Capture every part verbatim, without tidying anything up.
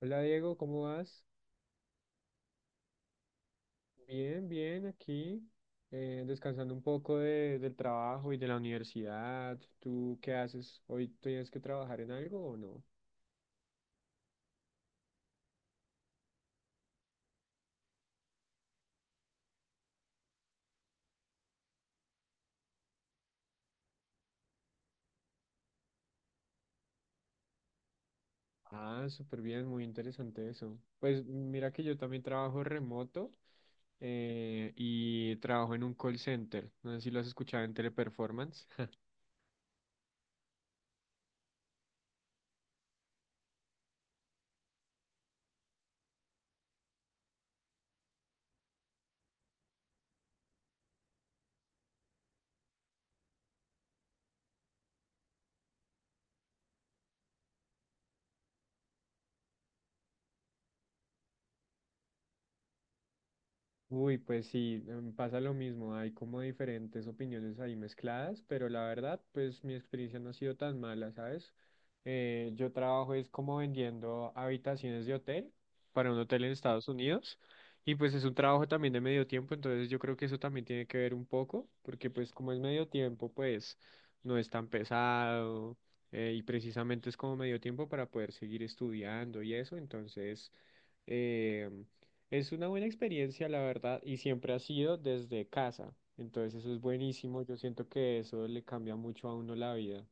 Hola Diego, ¿cómo vas? Bien, bien, aquí eh, descansando un poco de- del trabajo y de la universidad. ¿Tú qué haces? ¿Hoy tienes que trabajar en algo o no? Ah, súper bien, muy interesante eso. Pues mira que yo también trabajo remoto eh, y trabajo en un call center. No sé si lo has escuchado en Teleperformance. Uy, pues sí, em, pasa lo mismo, hay como diferentes opiniones ahí mezcladas, pero la verdad, pues mi experiencia no ha sido tan mala, ¿sabes? Eh, yo trabajo es como vendiendo habitaciones de hotel para un hotel en Estados Unidos y pues es un trabajo también de medio tiempo, entonces yo creo que eso también tiene que ver un poco, porque pues como es medio tiempo, pues no es tan pesado eh, y precisamente es como medio tiempo para poder seguir estudiando y eso, entonces... em, es una buena experiencia, la verdad, y siempre ha sido desde casa. Entonces eso es buenísimo. Yo siento que eso le cambia mucho a uno la vida.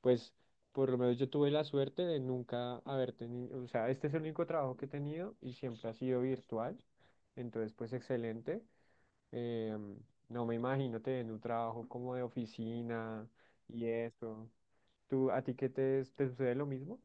Pues por lo menos yo tuve la suerte de nunca haber tenido, o sea, este es el único trabajo que he tenido y siempre ha sido virtual. Entonces, pues excelente. Em, no me imagino tener un trabajo como de oficina y eso. ¿Tú, a ti qué te, te sucede lo mismo?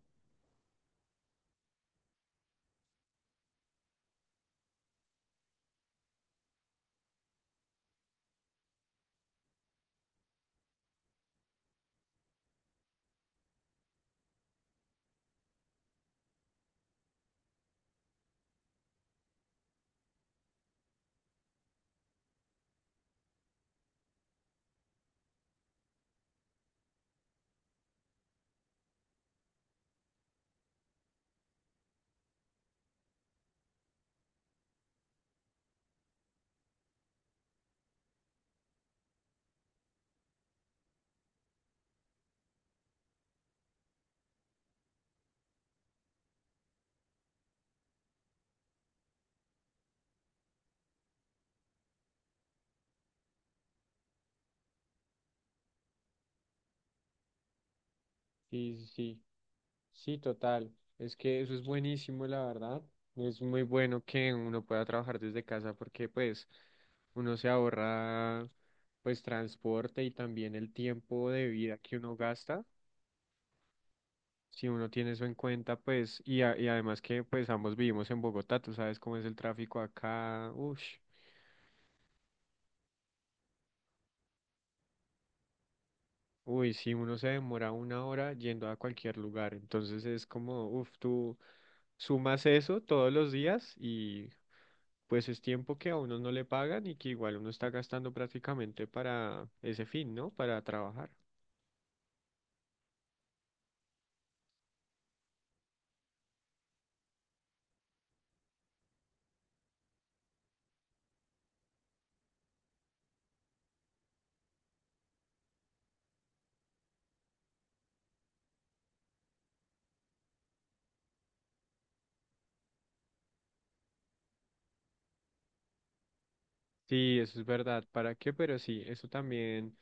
Sí, sí. sí. Sí, total. Es que eso es buenísimo, la verdad. Es muy bueno que uno pueda trabajar desde casa porque pues uno se ahorra pues transporte y también el tiempo de vida que uno gasta. Si uno tiene eso en cuenta, pues y, a- y además que pues ambos vivimos en Bogotá, tú sabes cómo es el tráfico acá. Uff, uy, si uno se demora una hora yendo a cualquier lugar, entonces es como, uff, tú sumas eso todos los días pues es tiempo que a uno no le pagan y que igual uno está gastando prácticamente para ese fin, ¿no? Para trabajar. Sí, eso es verdad. ¿Para qué? Pero sí, eso también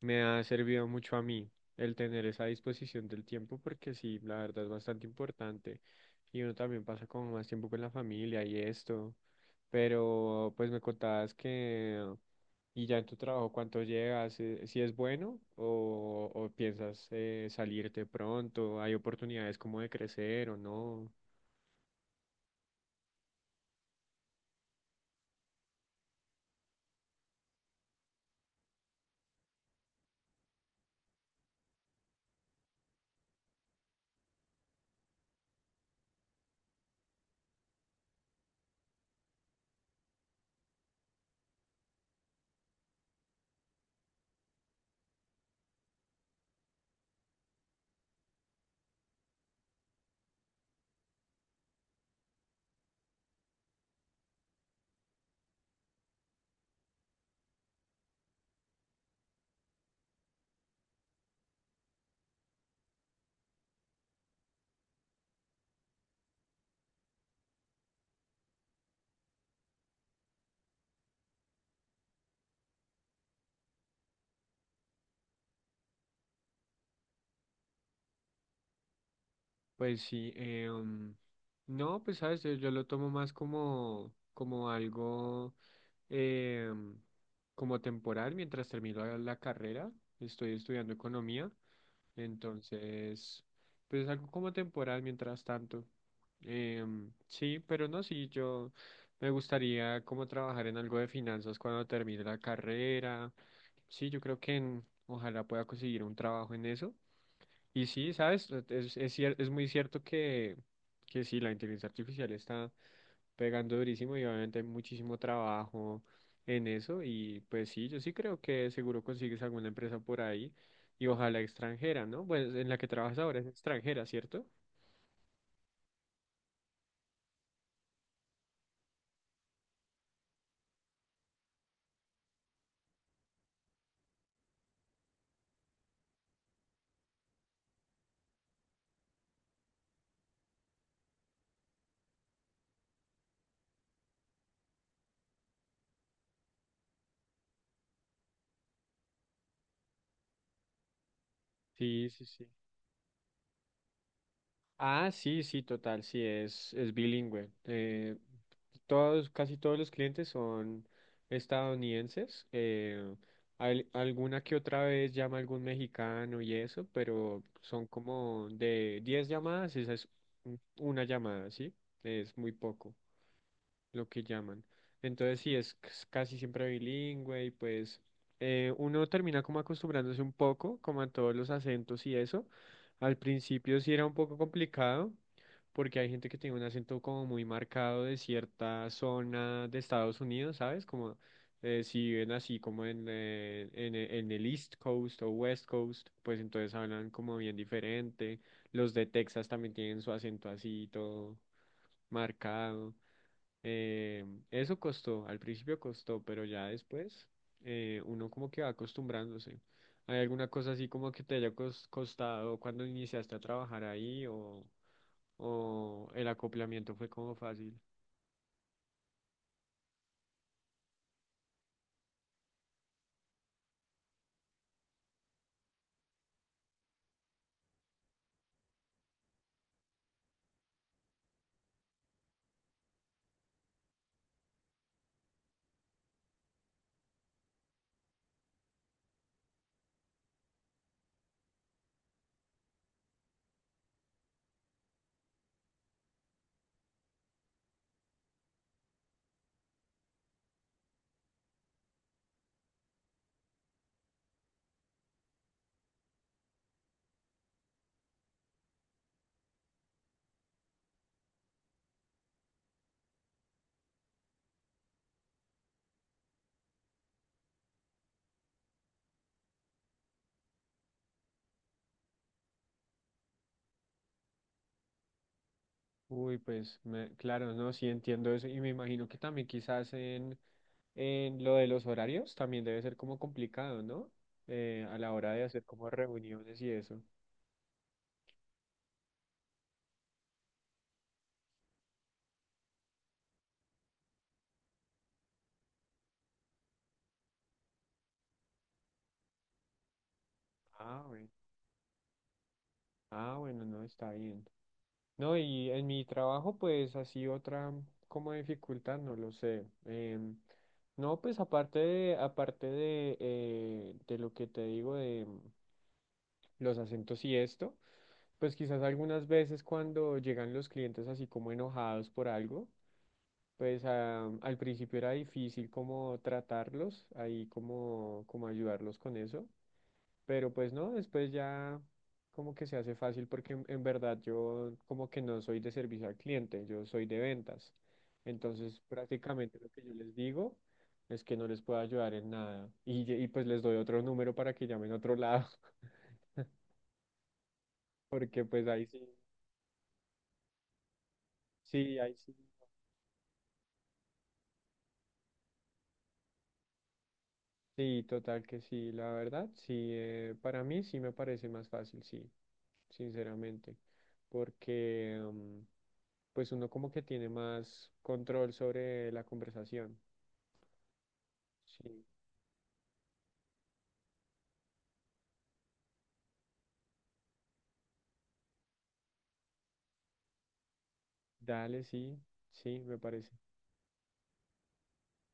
me ha servido mucho a mí, el tener esa disposición del tiempo, porque sí, la verdad es bastante importante. Y uno también pasa como más tiempo con la familia y esto. Pero pues me contabas que, y ya en tu trabajo, ¿cuánto llegas? Eh, ¿Si es bueno o, o piensas eh, salirte pronto? ¿Hay oportunidades como de crecer o no? Pues sí, eh, um, no, pues sabes, yo, yo lo tomo más como, como algo eh, como temporal mientras termino la, la carrera. Estoy estudiando economía, entonces, pues algo como temporal mientras tanto. Em, sí, pero no, sí, yo me gustaría como trabajar en algo de finanzas cuando termine la carrera. Sí, yo creo que en- ojalá pueda conseguir un trabajo en eso. Y sí, ¿sabes? Eh, Es, es, cier- es muy cierto que, que sí, la inteligencia artificial está pegando durísimo y obviamente hay muchísimo trabajo en eso. Y pues sí, yo sí creo que seguro consigues alguna empresa por ahí y ojalá extranjera, ¿no? Pues en la que trabajas ahora es extranjera, ¿cierto? Sí, sí, sí. Ah, sí, sí, total, sí, es, es bilingüe. Eh, todos, casi todos los clientes son estadounidenses. eh, al- alguna que otra vez llama algún mexicano y eso, pero son como de diez llamadas, esa es un- una llamada, ¿sí? Es muy poco lo que llaman. Entonces sí, es c- casi siempre bilingüe y pues eh, uno termina como acostumbrándose un poco, como a todos los acentos y eso. Al principio sí era un poco complicado porque hay gente que tiene un acento como muy marcado de cierta zona de Estados Unidos, ¿sabes? Como eh, si viven así como en, eh, en, e- en el East Coast o West Coast, pues entonces hablan como bien diferente. Los de Texas también tienen su acento así todo marcado. Eh, eso costó, al principio costó, pero ya después eh, uno como que va acostumbrándose. ¿Hay alguna cosa así como que te haya cos- costado cuando iniciaste a trabajar ahí o, o el acoplamiento fue como fácil? Uy, pues me- claro, no, sí entiendo eso y me imagino que también quizás en, en lo de los horarios también debe ser como complicado, ¿no? Eh, a la hora de hacer como reuniones y eso. Ah, bueno. Ah, bueno, no, está bien. No, y en mi trabajo, pues así otra como dificultad, no lo sé. Em, no, pues aparte de, aparte de, eh, de lo que te digo de mm, los acentos y esto, pues quizás algunas veces cuando llegan los clientes así como enojados por algo, pues ah, al principio era difícil como tratarlos, ahí como, como ayudarlos con eso. Pero pues no, después ya como que se hace fácil porque en, en verdad yo como que no soy de servicio al cliente, yo soy de ventas. Entonces prácticamente lo que yo les digo es que no les puedo ayudar en nada. Y, ye- y pues les doy otro número para que llamen a otro lado. Porque pues ahí sí, sí, ahí sí. Sí, total que sí, la verdad, sí, eh, para mí sí me parece más fácil, sí, sinceramente. Porque... mm, pues uno como que tiene más control sobre la conversación. Sí. Dale, sí, sí, me parece.